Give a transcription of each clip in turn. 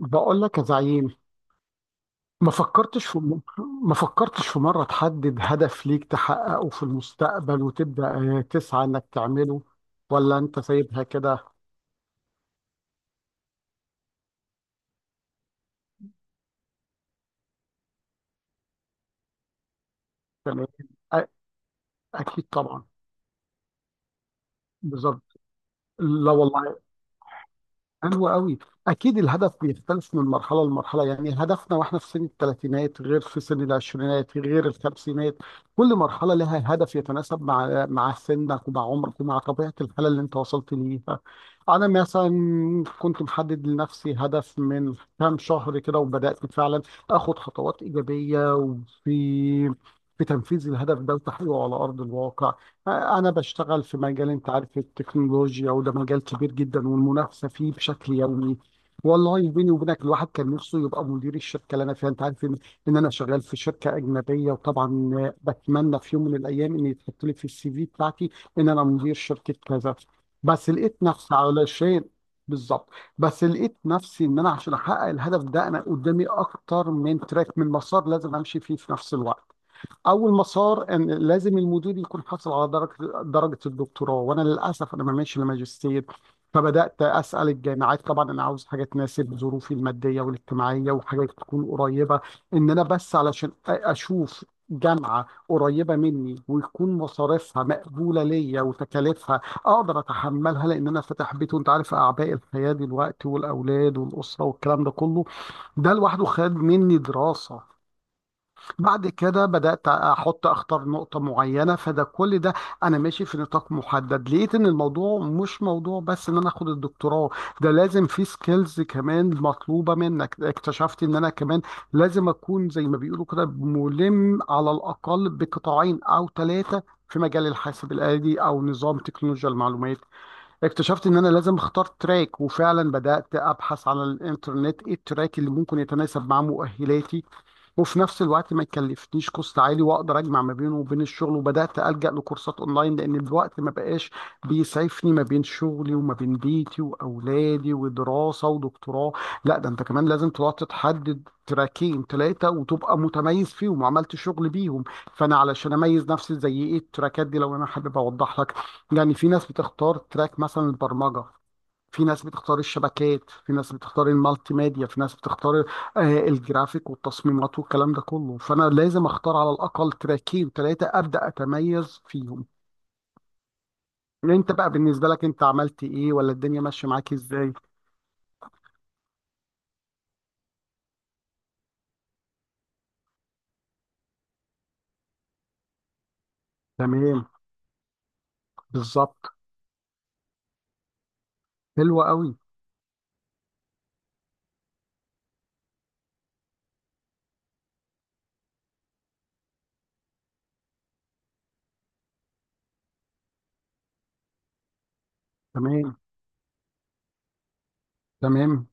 بقول لك يا زعيم. ما فكرتش في م- ما فكرتش في مرة تحدد هدف ليك تحققه في المستقبل وتبدأ، تسعى إنك تعمله، ولا أنت سايبها كده؟ تمام. أ- أكيد طبعا. بالظبط. لا والله، حلو قوي. اكيد الهدف بيختلف من مرحله لمرحله، يعني هدفنا واحنا في سن الثلاثينات غير في سن العشرينات غير الخمسينات. كل مرحله لها هدف يتناسب مع سنك ومع عمرك ومع طبيعه الحاله اللي انت وصلت ليها. انا مثلا كنت محدد لنفسي هدف من كام شهر كده، وبدات فعلا اخد خطوات ايجابيه في تنفيذ الهدف ده وتحقيقه على ارض الواقع. أنا بشتغل في مجال، أنت عارف، التكنولوجيا، وده مجال كبير جدا والمنافسة فيه بشكل يومي. والله بيني وبينك الواحد كان نفسه يبقى مدير الشركة اللي أنا فيها، أنت عارف إن أنا شغال في شركة أجنبية. وطبعا بتمنى في يوم من الأيام إن يتحط لي في السي في بتاعتي إن أنا مدير شركة كذا. بس لقيت نفسي علشان… بالظبط. بس لقيت نفسي إن أنا عشان أحقق الهدف ده أنا قدامي أكتر من تراك، من مسار لازم أمشي فيه في نفس الوقت. اول مسار ان لازم المدير يكون حاصل على درجه الدكتوراه، وانا للاسف انا ما ماشي لماجستير. فبدات اسال الجامعات، طبعا انا عاوز حاجه تناسب ظروفي الماديه والاجتماعيه وحاجه تكون قريبه، ان انا بس علشان اشوف جامعه قريبه مني ويكون مصاريفها مقبوله ليا وتكاليفها اقدر اتحملها، لان انا فاتح بيت وانت عارف اعباء الحياه دلوقتي والاولاد والاسره والكلام ده كله. ده لوحده خد مني دراسه. بعد كده بدأت أحط أختار نقطة معينة، فده كل ده أنا ماشي في نطاق محدد، لقيت إن الموضوع مش موضوع بس إن أنا أخد الدكتوراه، ده لازم في سكيلز كمان مطلوبة منك. اكتشفت إن أنا كمان لازم أكون زي ما بيقولوا كده ملم على الأقل بقطاعين أو ثلاثة في مجال الحاسب الآلي أو نظام تكنولوجيا المعلومات. اكتشفت ان انا لازم اختار تراك، وفعلا بدأت ابحث على الانترنت ايه التراك اللي ممكن يتناسب مع مؤهلاتي وفي نفس الوقت ما يكلفنيش كوست عالي واقدر اجمع ما بينه وبين الشغل. وبدأت ألجأ لكورسات اونلاين لان الوقت ما بقاش بيسعفني ما بين شغلي وما بين بيتي واولادي ودراسة ودكتوراه. لا ده انت كمان لازم تقعد تتحدد تراكين ثلاثة وتبقى متميز فيهم وعملت شغل بيهم. فأنا علشان أميز نفسي زي إيه التراكات دي، لو أنا حابب أوضح لك، يعني في ناس بتختار تراك مثلا البرمجة، في ناس بتختار الشبكات، في ناس بتختار المالتي ميديا، في ناس بتختار آه، الجرافيك والتصميمات والكلام ده كله. فأنا لازم أختار على الأقل تراكين ثلاثة أبدأ أتميز فيهم. أنت بقى بالنسبة لك أنت عملت إيه، ولا الدنيا ماشية معاك إزاي؟ تمام. بالظبط. حلو قوي. تمام. تمام.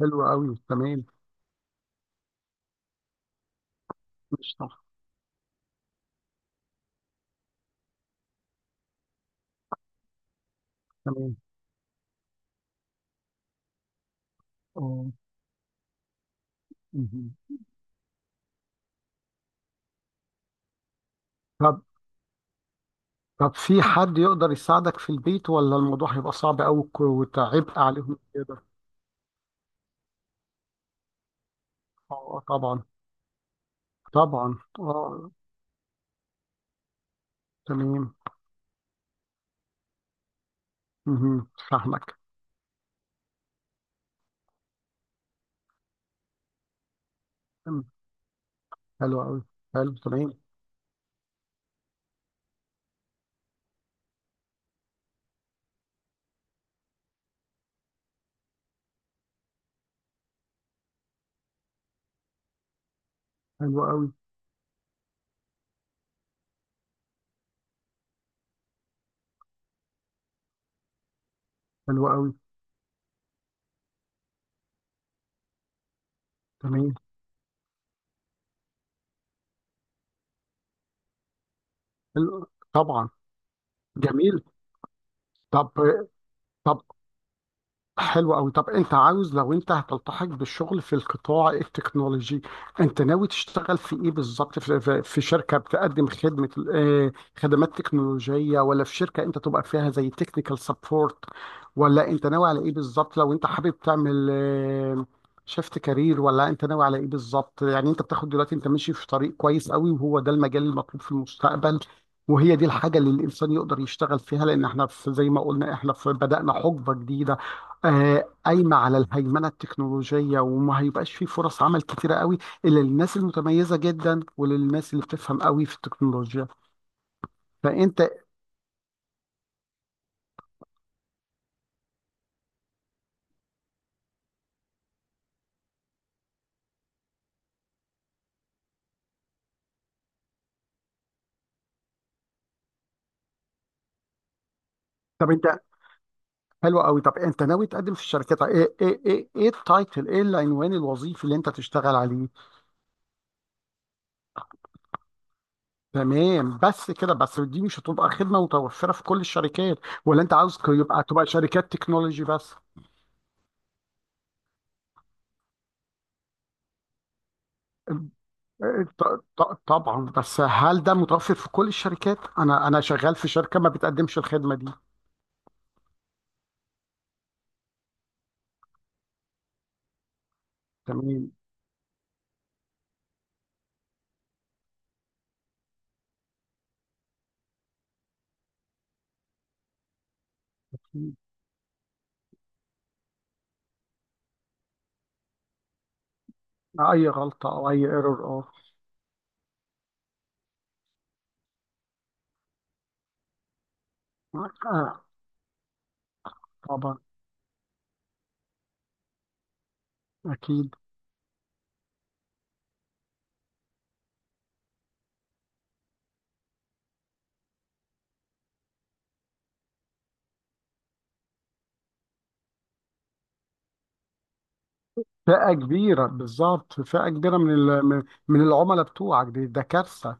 حلو قوي. تمام. مش صح. تمام. أه. مهم. طب، في حد يقدر يساعدك في البيت ولا الموضوع هيبقى صعب أوي وتعبء عليهم كده؟ اه، طبعا. طبعا، اه. تمام. مهم، فاهمك. تمام. حلو أوي. حلو. تمام. حلو أوي. حلو أوي. تمام. حلو. طبعا. جميل. طب، طب حلو قوي، طب انت عاوز، لو انت هتلتحق بالشغل في القطاع التكنولوجي، انت ناوي تشتغل في ايه بالظبط، في شركة بتقدم خدمة، خدمات تكنولوجية، ولا في شركة انت تبقى فيها زي تكنيكال سبورت، ولا انت ناوي على ايه بالظبط؟ لو انت حابب تعمل شيفت كارير، ولا انت ناوي على ايه بالظبط؟ يعني انت بتاخد دلوقتي، انت ماشي في طريق كويس قوي، وهو ده المجال المطلوب في المستقبل، وهي دي الحاجة اللي الإنسان يقدر يشتغل فيها. لأن احنا في، زي ما قلنا، احنا في بدأنا حقبة جديدة قايمة على الهيمنة التكنولوجية، وما هيبقاش فيه فرص عمل كتيرة قوي إلا للناس المتميزة جدا وللناس اللي بتفهم قوي في التكنولوجيا. فأنت… طب أنت، حلو قوي، طب أنت ناوي تقدم في الشركات، طيب، إيه التايتل، إيه العنوان الوظيفي اللي أنت تشتغل عليه؟ تمام، بس كده، بس دي مش هتبقى خدمة متوفرة في كل الشركات، ولا أنت عاوز يبقى شركات تكنولوجي بس؟ طبعا، بس هل ده متوفر في كل الشركات؟ انا شغال في شركه ما بتقدمش الخدمه دي. تمام. أي غلطة أو أي ايرور، أه. آه، طبعا. أكيد. فئة كبيرة، بالظبط، فئة كبيرة من من العملاء بتوعك دي، ده كارثة.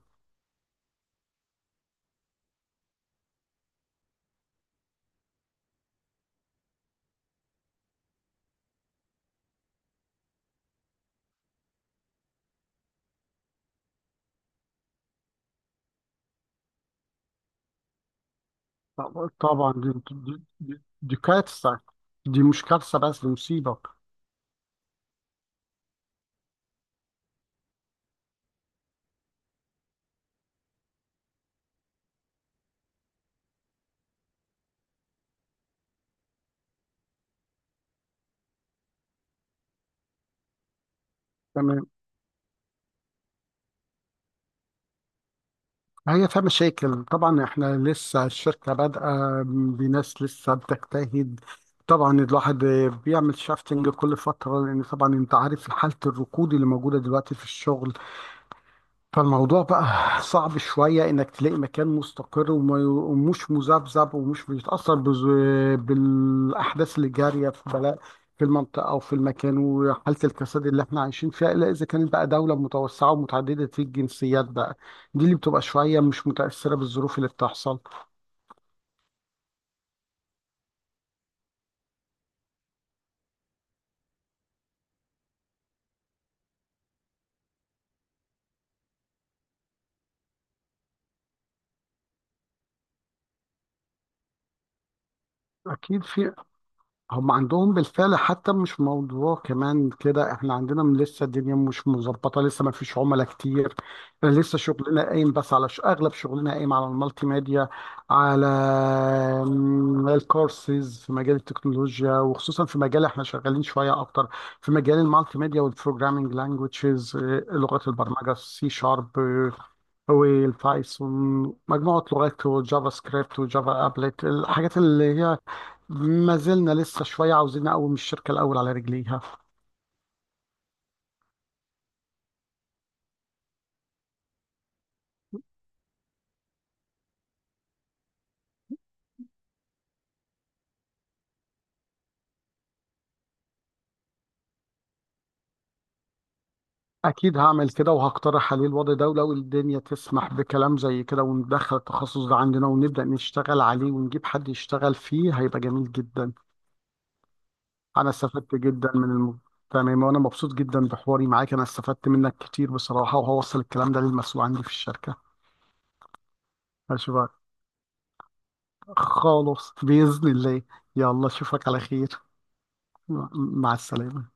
طبعا دي، دي, كارثة. دي مش كارثة بس دي مصيبة. تمام. هي فيها مشاكل طبعا، احنا لسه الشركة بادئة بناس لسه بتجتهد. طبعا الواحد بيعمل شافتنج كل فترة، لأن طبعا انت عارف حالة الركود اللي موجودة دلوقتي في الشغل. فالموضوع بقى صعب شوية إنك تلاقي مكان مستقر ومش مذبذب ومش بيتأثر بالأحداث اللي جارية في بلاء في المنطقة أو في المكان، وحالة الكساد اللي إحنا عايشين فيها، إلا إذا كانت بقى دولة متوسعة ومتعددة الجنسيات بقى، دي اللي بتبقى شوية مش متأثرة بالظروف اللي بتحصل. أكيد في، هم عندهم بالفعل، حتى مش موضوع كمان كده، احنا عندنا لسه الدنيا مش مظبطه، لسه ما فيش عملاء كتير. لسه شغلنا قايم بس على اغلب شغلنا قايم على المالتي ميديا، على الكورسز في مجال التكنولوجيا، وخصوصا في مجال احنا شغالين شويه اكتر في مجال المالتي ميديا والبروجرامينج لانجويجز. لغه البرمجه السي شارب والبايثون، مجموعه لغات وجافا سكريبت وجافا ابلت، الحاجات اللي هي ما زلنا لسه شوية عاوزين نقوم الشركة الأول على رجليها. أكيد هعمل كده، وهقترح عليه الوضع ده، ولو الدنيا تسمح بكلام زي كده وندخل التخصص ده عندنا ونبدأ نشتغل عليه ونجيب حد يشتغل فيه هيبقى جميل جدا. أنا استفدت جدا من تمام، وأنا مبسوط جدا بحواري معاك، أنا استفدت منك كتير بصراحة، وهوصل الكلام ده للمسؤول عندي في الشركة. أشوفك خالص بإذن الله. يلا أشوفك على خير. مع السلامة.